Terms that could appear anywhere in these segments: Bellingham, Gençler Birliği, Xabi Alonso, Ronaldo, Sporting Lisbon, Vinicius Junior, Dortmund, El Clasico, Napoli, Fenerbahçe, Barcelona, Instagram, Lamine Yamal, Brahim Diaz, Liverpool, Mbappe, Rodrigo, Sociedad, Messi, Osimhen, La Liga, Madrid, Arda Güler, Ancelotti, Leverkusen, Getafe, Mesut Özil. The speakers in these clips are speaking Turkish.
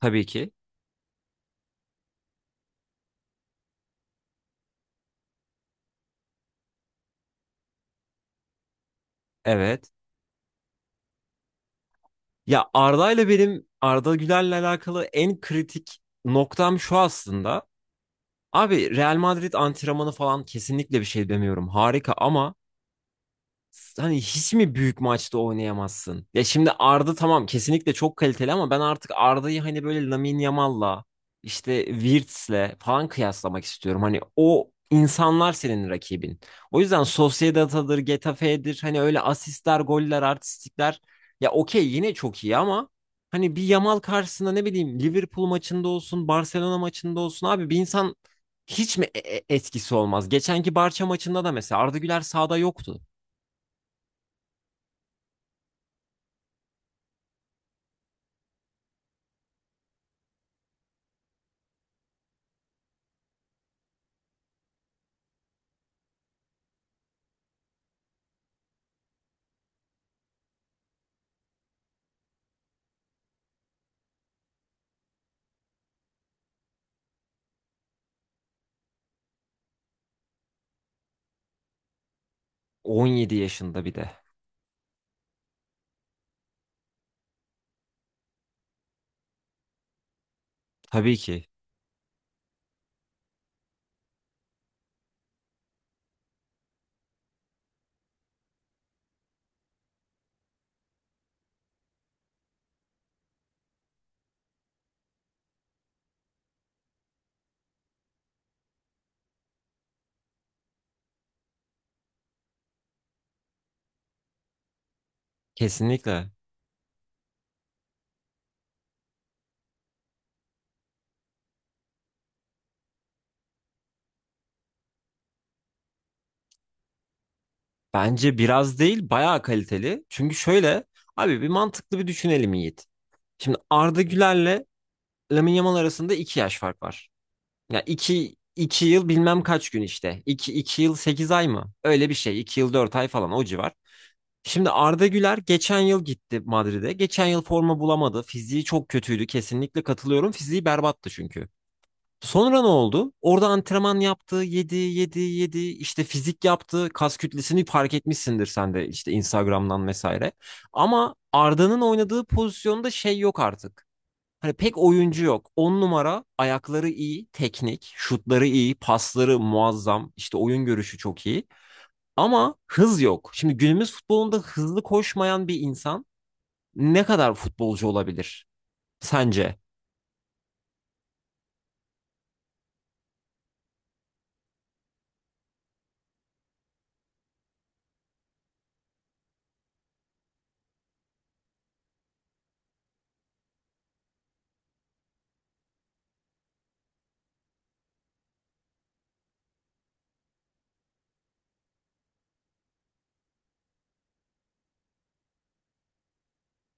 Tabii ki. Evet. Ya Arda'yla benim Arda Güler'le alakalı en kritik noktam şu aslında. Abi Real Madrid antrenmanı falan kesinlikle bir şey demiyorum. Harika ama hani hiç mi büyük maçta oynayamazsın? Ya şimdi Arda tamam, kesinlikle çok kaliteli ama ben artık Arda'yı hani böyle Lamine Yamal'la işte Wirtz'le falan kıyaslamak istiyorum. Hani o insanlar senin rakibin. O yüzden Sociedad'adır, Getafe'dir hani öyle asistler, goller, artistikler ya okey yine çok iyi ama hani bir Yamal karşısında ne bileyim, Liverpool maçında olsun, Barcelona maçında olsun abi bir insan hiç mi etkisi olmaz? Geçenki Barça maçında da mesela Arda Güler sahada yoktu. 17 yaşında bir de. Tabii ki. Kesinlikle. Bence biraz değil, bayağı kaliteli. Çünkü şöyle, abi bir mantıklı bir düşünelim Yiğit. Şimdi Arda Güler'le Lamine Yamal arasında 2 yaş fark var. Ya iki yıl bilmem kaç gün işte. 2 iki yıl 8 ay mı? Öyle bir şey. 2 yıl 4 ay falan o civar. Şimdi Arda Güler geçen yıl gitti Madrid'e. Geçen yıl forma bulamadı. Fiziği çok kötüydü. Kesinlikle katılıyorum. Fiziği berbattı çünkü. Sonra ne oldu? Orada antrenman yaptı, yedi, yedi, yedi. İşte fizik yaptı, kas kütlesini fark etmişsindir sen de işte Instagram'dan vesaire. Ama Arda'nın oynadığı pozisyonda şey yok artık. Hani pek oyuncu yok. 10 numara, ayakları iyi, teknik, şutları iyi, pasları muazzam, işte oyun görüşü çok iyi. Ama hız yok. Şimdi günümüz futbolunda hızlı koşmayan bir insan ne kadar futbolcu olabilir sence?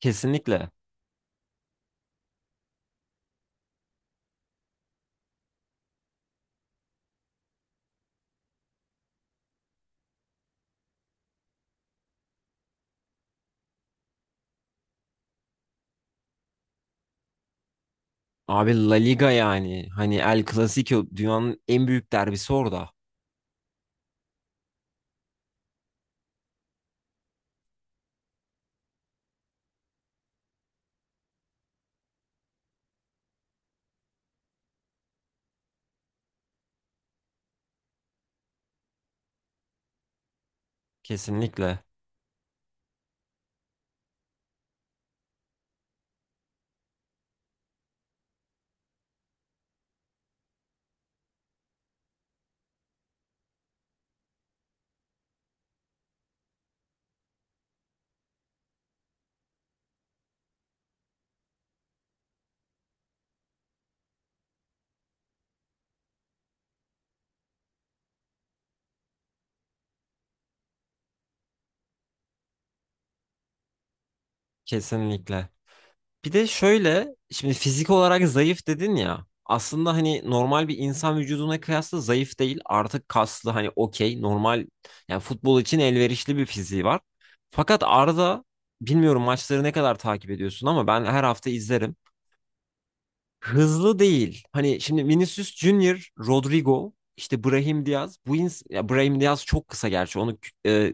Kesinlikle. Abi La Liga yani. Hani El Clasico dünyanın en büyük derbisi orada. Kesinlikle. Kesinlikle. Bir de şöyle, şimdi fizik olarak zayıf dedin ya. Aslında hani normal bir insan vücuduna kıyasla zayıf değil. Artık kaslı, hani okey normal, yani futbol için elverişli bir fiziği var. Fakat Arda, bilmiyorum maçları ne kadar takip ediyorsun ama ben her hafta izlerim, hızlı değil. Hani şimdi Vinicius Junior, Rodrigo, işte Brahim Diaz. Bu ins ya Brahim Diaz çok kısa gerçi. Onu e,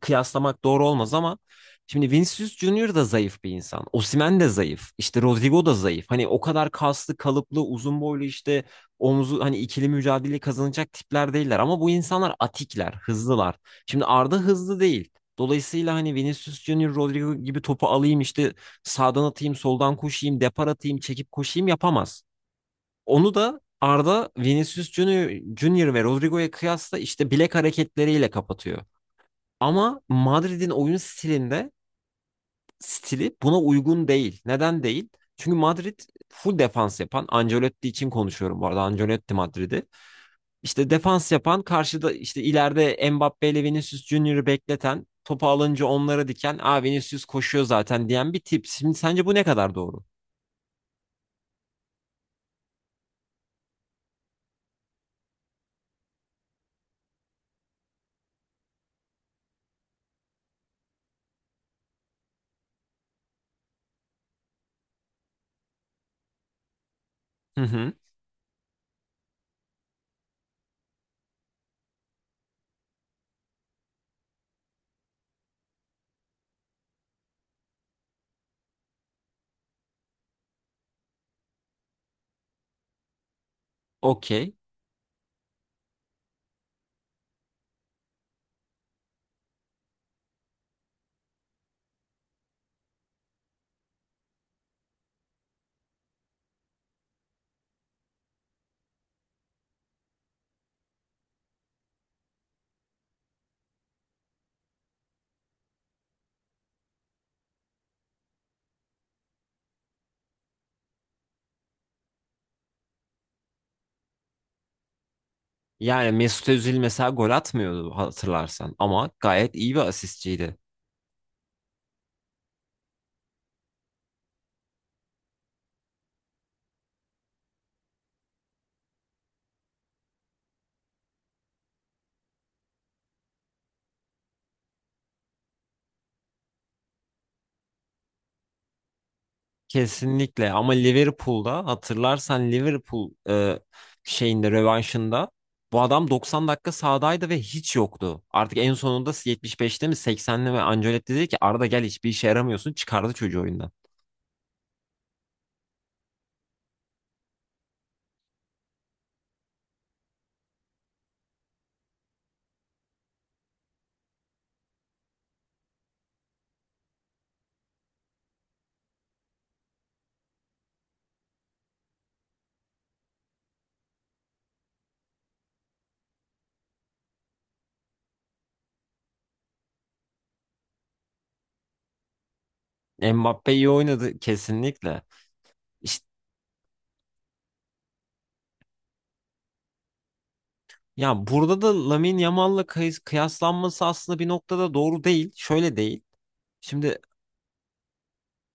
kıyaslamak doğru olmaz ama şimdi Vinicius Junior da zayıf bir insan. Osimhen de zayıf. İşte Rodrigo da zayıf. Hani o kadar kaslı, kalıplı, uzun boylu işte omuzu hani ikili mücadele kazanacak tipler değiller ama bu insanlar atikler, hızlılar. Şimdi Arda hızlı değil. Dolayısıyla hani Vinicius Junior, Rodrigo gibi topu alayım işte sağdan atayım, soldan koşayım, depar atayım, çekip koşayım yapamaz. Onu da Arda Vinicius Junior, Junior ve Rodrigo'ya kıyasla işte bilek hareketleriyle kapatıyor. Ama Madrid'in oyun stilinde stili buna uygun değil. Neden değil? Çünkü Madrid full defans yapan, Ancelotti için konuşuyorum bu arada, Ancelotti Madrid'i. İşte defans yapan, karşıda işte ileride Mbappe ile Vinicius Junior'ı bekleten, topu alınca onlara diken, "Aa, Vinicius koşuyor zaten." diyen bir tip. Şimdi sence bu ne kadar doğru? Hı hı. Okey. Yani Mesut Özil mesela gol atmıyordu hatırlarsan ama gayet iyi bir asistçiydi. Kesinlikle ama Liverpool'da hatırlarsan Liverpool şeyinde, rövanşında bu adam 90 dakika sahadaydı ve hiç yoktu. Artık en sonunda 75'te mi seksenli mi, Ancelotti dedi ki Arda gel hiçbir işe yaramıyorsun, çıkardı çocuğu oyundan. Mbappe iyi oynadı kesinlikle. İşte ya burada da Lamine Yamal'la kıyaslanması aslında bir noktada doğru değil. Şöyle değil. Şimdi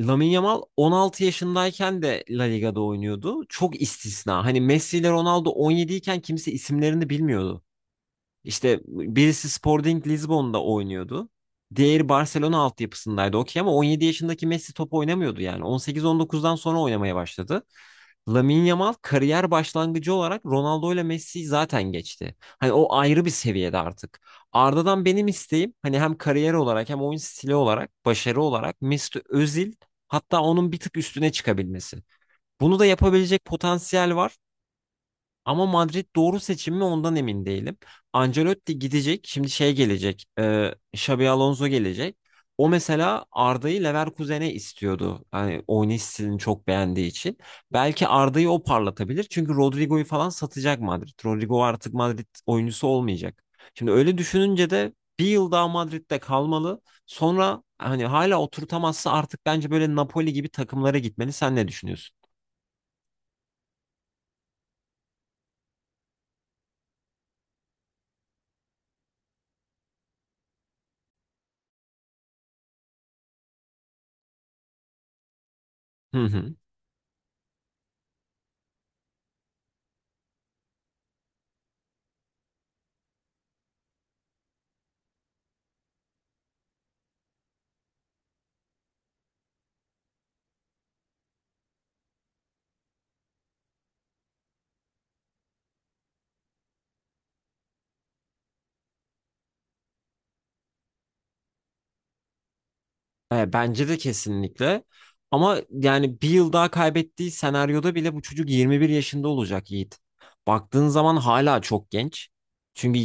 Lamine Yamal 16 yaşındayken de La Liga'da oynuyordu. Çok istisna. Hani Messi ile Ronaldo 17 iken kimse isimlerini bilmiyordu. İşte birisi Sporting Lisbon'da oynuyordu. Diğeri Barcelona altyapısındaydı, okey, ama 17 yaşındaki Messi top oynamıyordu yani. 18-19'dan sonra oynamaya başladı. Lamine Yamal kariyer başlangıcı olarak Ronaldo ile Messi'yi zaten geçti. Hani o ayrı bir seviyede artık. Arda'dan benim isteğim hani hem kariyer olarak hem oyun stili olarak, başarı olarak Mesut Özil, hatta onun bir tık üstüne çıkabilmesi. Bunu da yapabilecek potansiyel var. Ama Madrid doğru seçim mi ondan emin değilim. Ancelotti gidecek. Şimdi şey gelecek. E, Xabi Alonso gelecek. O mesela Arda'yı Leverkusen'e istiyordu. Hani oynayış stilini çok beğendiği için. Belki Arda'yı o parlatabilir. Çünkü Rodrigo'yu falan satacak Madrid. Rodrigo artık Madrid oyuncusu olmayacak. Şimdi öyle düşününce de bir yıl daha Madrid'de kalmalı. Sonra hani hala oturtamazsa artık bence böyle Napoli gibi takımlara gitmeli. Sen ne düşünüyorsun? Hı hı. E, bence de kesinlikle. Ama yani bir yıl daha kaybettiği senaryoda bile bu çocuk 21 yaşında olacak Yiğit. Baktığın zaman hala çok genç. Çünkü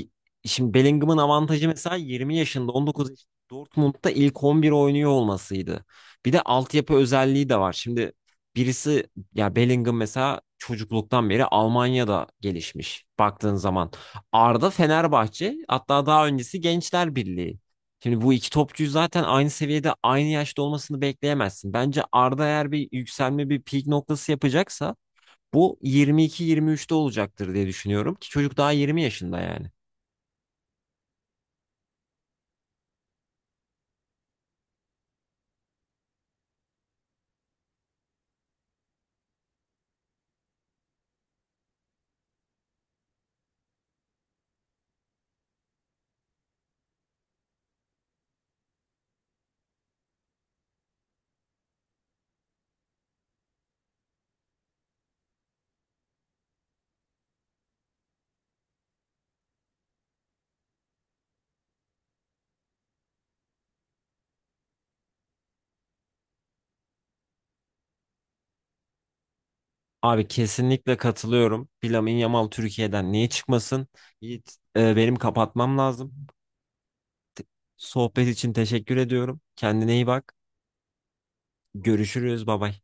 şimdi Bellingham'ın avantajı mesela 20 yaşında, 19 yaşında Dortmund'da ilk 11 oynuyor olmasıydı. Bir de altyapı özelliği de var. Şimdi birisi, ya Bellingham mesela çocukluktan beri Almanya'da gelişmiş baktığın zaman. Arda Fenerbahçe, hatta daha öncesi Gençler Birliği. Şimdi bu iki topçuyu zaten aynı seviyede aynı yaşta olmasını bekleyemezsin. Bence Arda eğer bir yükselme, bir peak noktası yapacaksa bu 22-23'te olacaktır diye düşünüyorum ki çocuk daha 20 yaşında yani. Abi kesinlikle katılıyorum. Bir Lamine Yamal Türkiye'den niye çıkmasın? Yiğit, benim kapatmam lazım. Sohbet için teşekkür ediyorum. Kendine iyi bak. Görüşürüz. Bay bay.